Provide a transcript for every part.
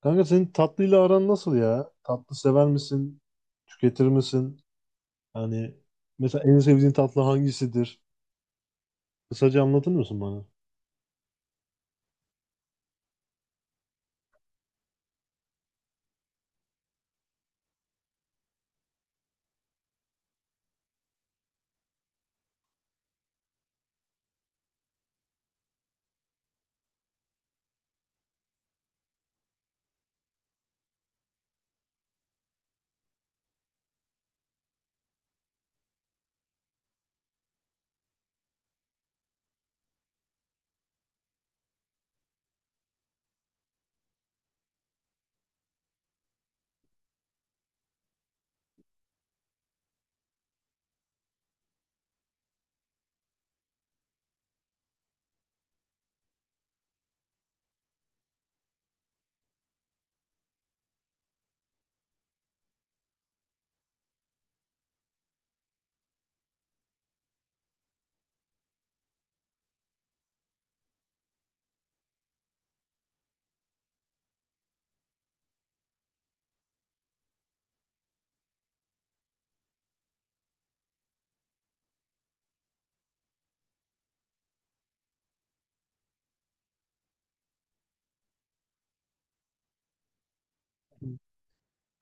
Kanka senin tatlıyla aran nasıl ya? Tatlı sever misin? Tüketir misin? Hani mesela en sevdiğin tatlı hangisidir? Kısaca anlatır mısın bana?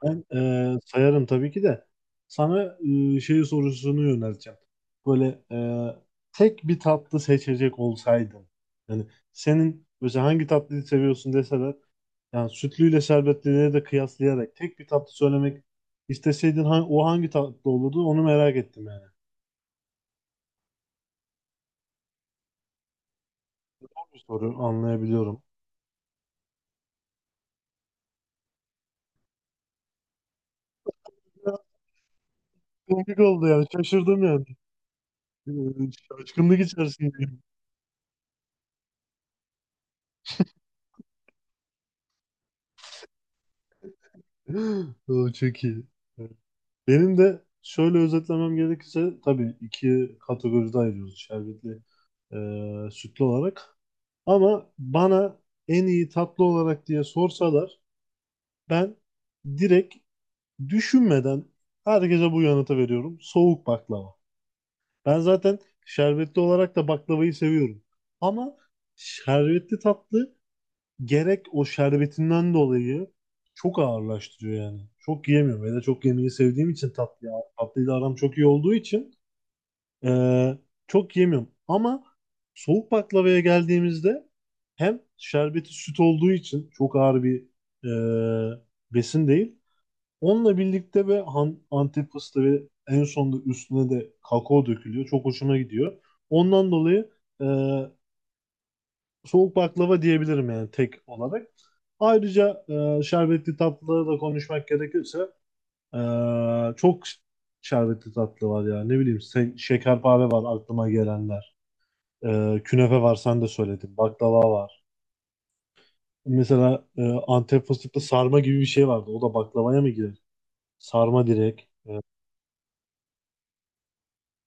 Ben sayarım tabii ki de. Sana şey sorusunu yönelteceğim. Böyle tek bir tatlı seçecek olsaydın. Yani senin mesela hangi tatlıyı seviyorsun deseler. Yani sütlüyle şerbetlileri de kıyaslayarak tek bir tatlı söylemek isteseydin o hangi tatlı olurdu onu merak ettim yani. Bir soru anlayabiliyorum. Komik oldu yani. Şaşırdım yani. Ee, Şaşkınlık içerisinde. O çok iyi. Evet. Benim de şöyle özetlemem gerekirse tabii iki kategoride ayırıyoruz şerbetli sütlü olarak. Ama bana en iyi tatlı olarak diye sorsalar ben direkt düşünmeden herkese bu yanıtı veriyorum. Soğuk baklava. Ben zaten şerbetli olarak da baklavayı seviyorum. Ama şerbetli tatlı gerek o şerbetinden dolayı çok ağırlaştırıyor yani. Çok yiyemiyorum. Ve de çok yemeyi sevdiğim için tatlı, tatlıyla aram çok iyi olduğu için eee, çok yemiyorum. Ama soğuk baklavaya geldiğimizde hem şerbeti süt olduğu için çok ağır bir eee, besin değil. Onunla birlikte ve Antep fıstığı ve en sonunda üstüne de kakao dökülüyor. Çok hoşuma gidiyor. Ondan dolayı eee soğuk baklava diyebilirim yani tek olarak. Ayrıca şerbetli tatlıları da konuşmak gerekirse e, çok şerbetli tatlı var ya. Ne bileyim şekerpare var aklıma gelenler. Künefe var sen de söyledin. Baklava var. Mesela Antep fıstıklı sarma gibi bir şey vardı. O da baklavaya mı girer? Sarma direkt.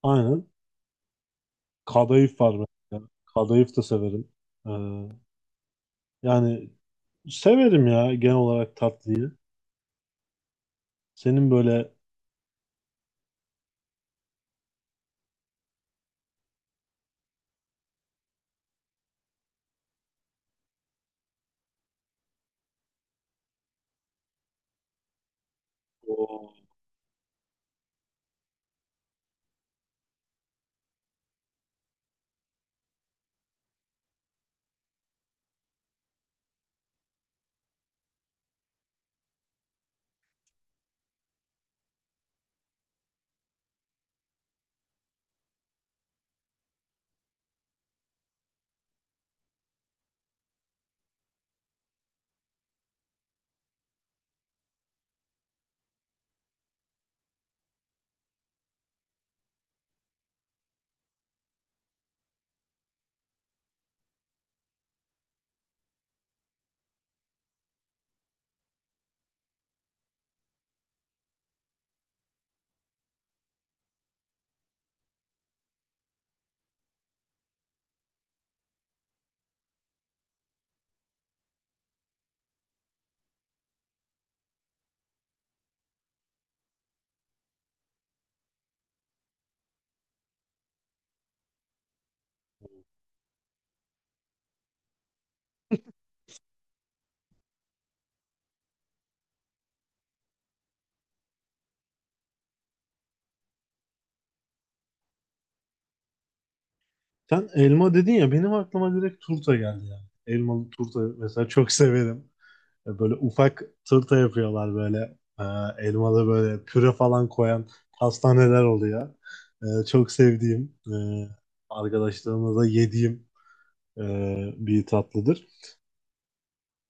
Aynen. Kadayıf var mesela. Kadayıf da severim. E, yani severim ya genel olarak tatlıyı. Senin böyle Sen elma dedin ya benim aklıma direkt turta geldi yani. Elmalı turta mesela çok severim. Böyle ufak turta yapıyorlar böyle. E, elmalı böyle püre falan koyan pastaneler oluyor. Çok sevdiğim, arkadaşlarımla da yediğim e, bir tatlıdır.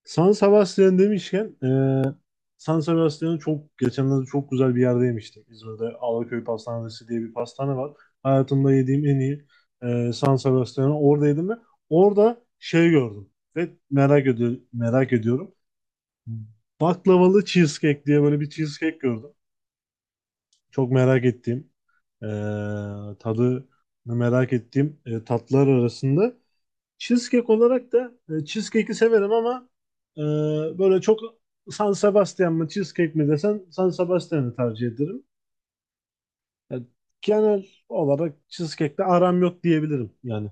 San Sebastian demişken San Sebastian'ı çok geçenlerde çok güzel bir yerde yemiştim. İzmir'de Alaköy Pastanesi diye bir pastane var. Hayatımda yediğim en iyi San Sebastian'ı orada yedim ve orada şey gördüm ve merak ediyorum. Baklavalı cheesecake diye böyle bir cheesecake gördüm. Çok merak ettiğim e, tadı merak ettiğim tatlar arasında. Cheesecake olarak da cheesecake'i severim ama e, böyle çok, San Sebastian mı cheesecake mi desen San Sebastian'ı tercih ederim. Yani genel olarak cheesecake'le aram yok diyebilirim yani.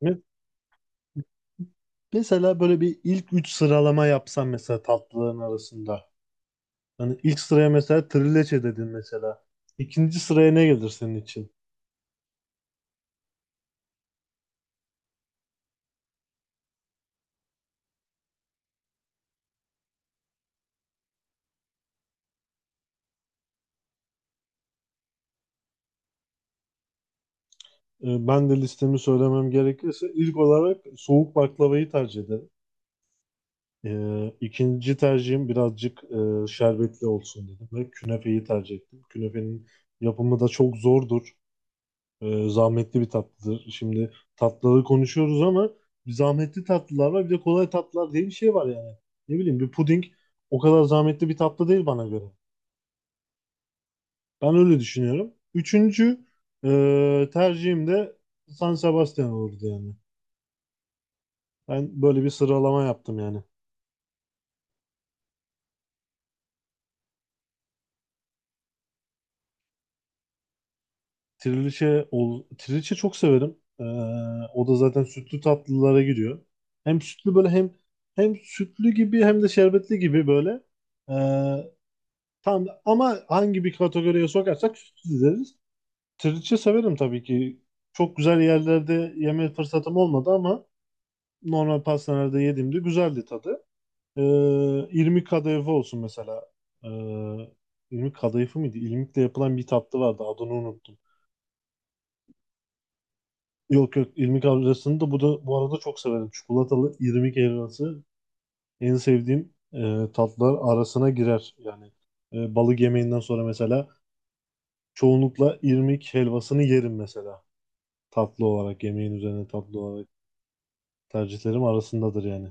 Me- Mesela böyle bir ilk 3 sıralama yapsam mesela tatlıların arasında. Hani ilk sıraya mesela trileçe dedin mesela. İkinci sıraya ne gelir senin için? Ben de listemi söylemem gerekirse ilk olarak soğuk baklavayı tercih ederim. İkinci tercihim birazcık şerbetli olsun dedim ve künefeyi tercih ettim. Künefenin yapımı da çok zordur. Zahmetli bir tatlıdır. Şimdi tatlıları konuşuyoruz ama bir zahmetli tatlılar var bir de kolay tatlılar diye bir şey var yani. Ne bileyim bir puding o kadar zahmetli bir tatlı değil bana göre. Ben öyle düşünüyorum. Üçüncü tercihim de San Sebastian olurdu yani. Ben böyle bir sıralama yaptım yani. Trileçe çok severim. O da zaten sütlü tatlılara giriyor. Hem sütlü böyle hem sütlü gibi hem de şerbetli gibi böyle. Ee, tam ama hangi bir kategoriye sokarsak sütlü deriz. Trileçe severim tabii ki. Çok güzel yerlerde yeme fırsatım olmadı ama normal pastanelerde yediğimde güzeldi tadı. Ee, irmik kadayıfı olsun mesela. Ee, irmik kadayıfı mıydı? İrmikle yapılan bir tatlı vardı. Adını unuttum. Yok yok, irmik helvasını da bu arada çok severim. Çikolatalı irmik helvası en sevdiğim tatlar arasına girer. Yani balık yemeğinden sonra mesela çoğunlukla irmik helvasını yerim mesela. Tatlı olarak yemeğin üzerine tatlı olarak tercihlerim arasındadır yani.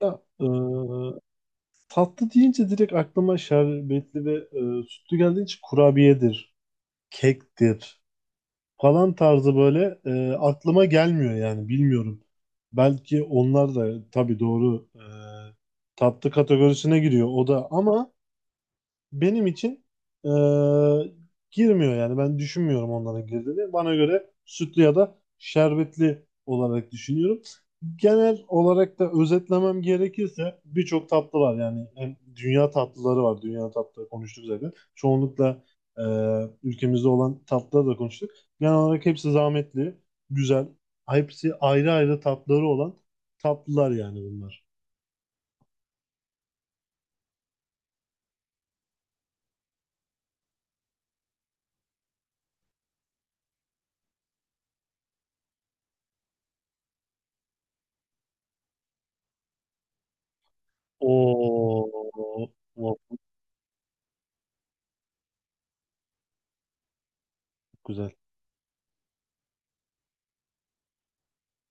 Ya, e, tatlı deyince direkt aklıma şerbetli ve sütlü geldiği için kurabiyedir, kektir, falan tarzı böyle aklıma gelmiyor yani bilmiyorum. Belki onlar da tabii doğru tatlı kategorisine giriyor o da ama benim için eee, girmiyor yani. Ben düşünmüyorum onların girdiğini. Bana göre sütlü ya da şerbetli olarak düşünüyorum. Genel olarak da özetlemem gerekirse birçok tatlı var yani hem dünya tatlıları var. Dünya tatlıları konuştuk zaten. Çoğunlukla ülkemizde olan tatlıları da konuştuk. Genel olarak hepsi zahmetli, güzel. Hepsi ayrı ayrı tatları olan tatlılar yani bunlar. Oo, of, güzel.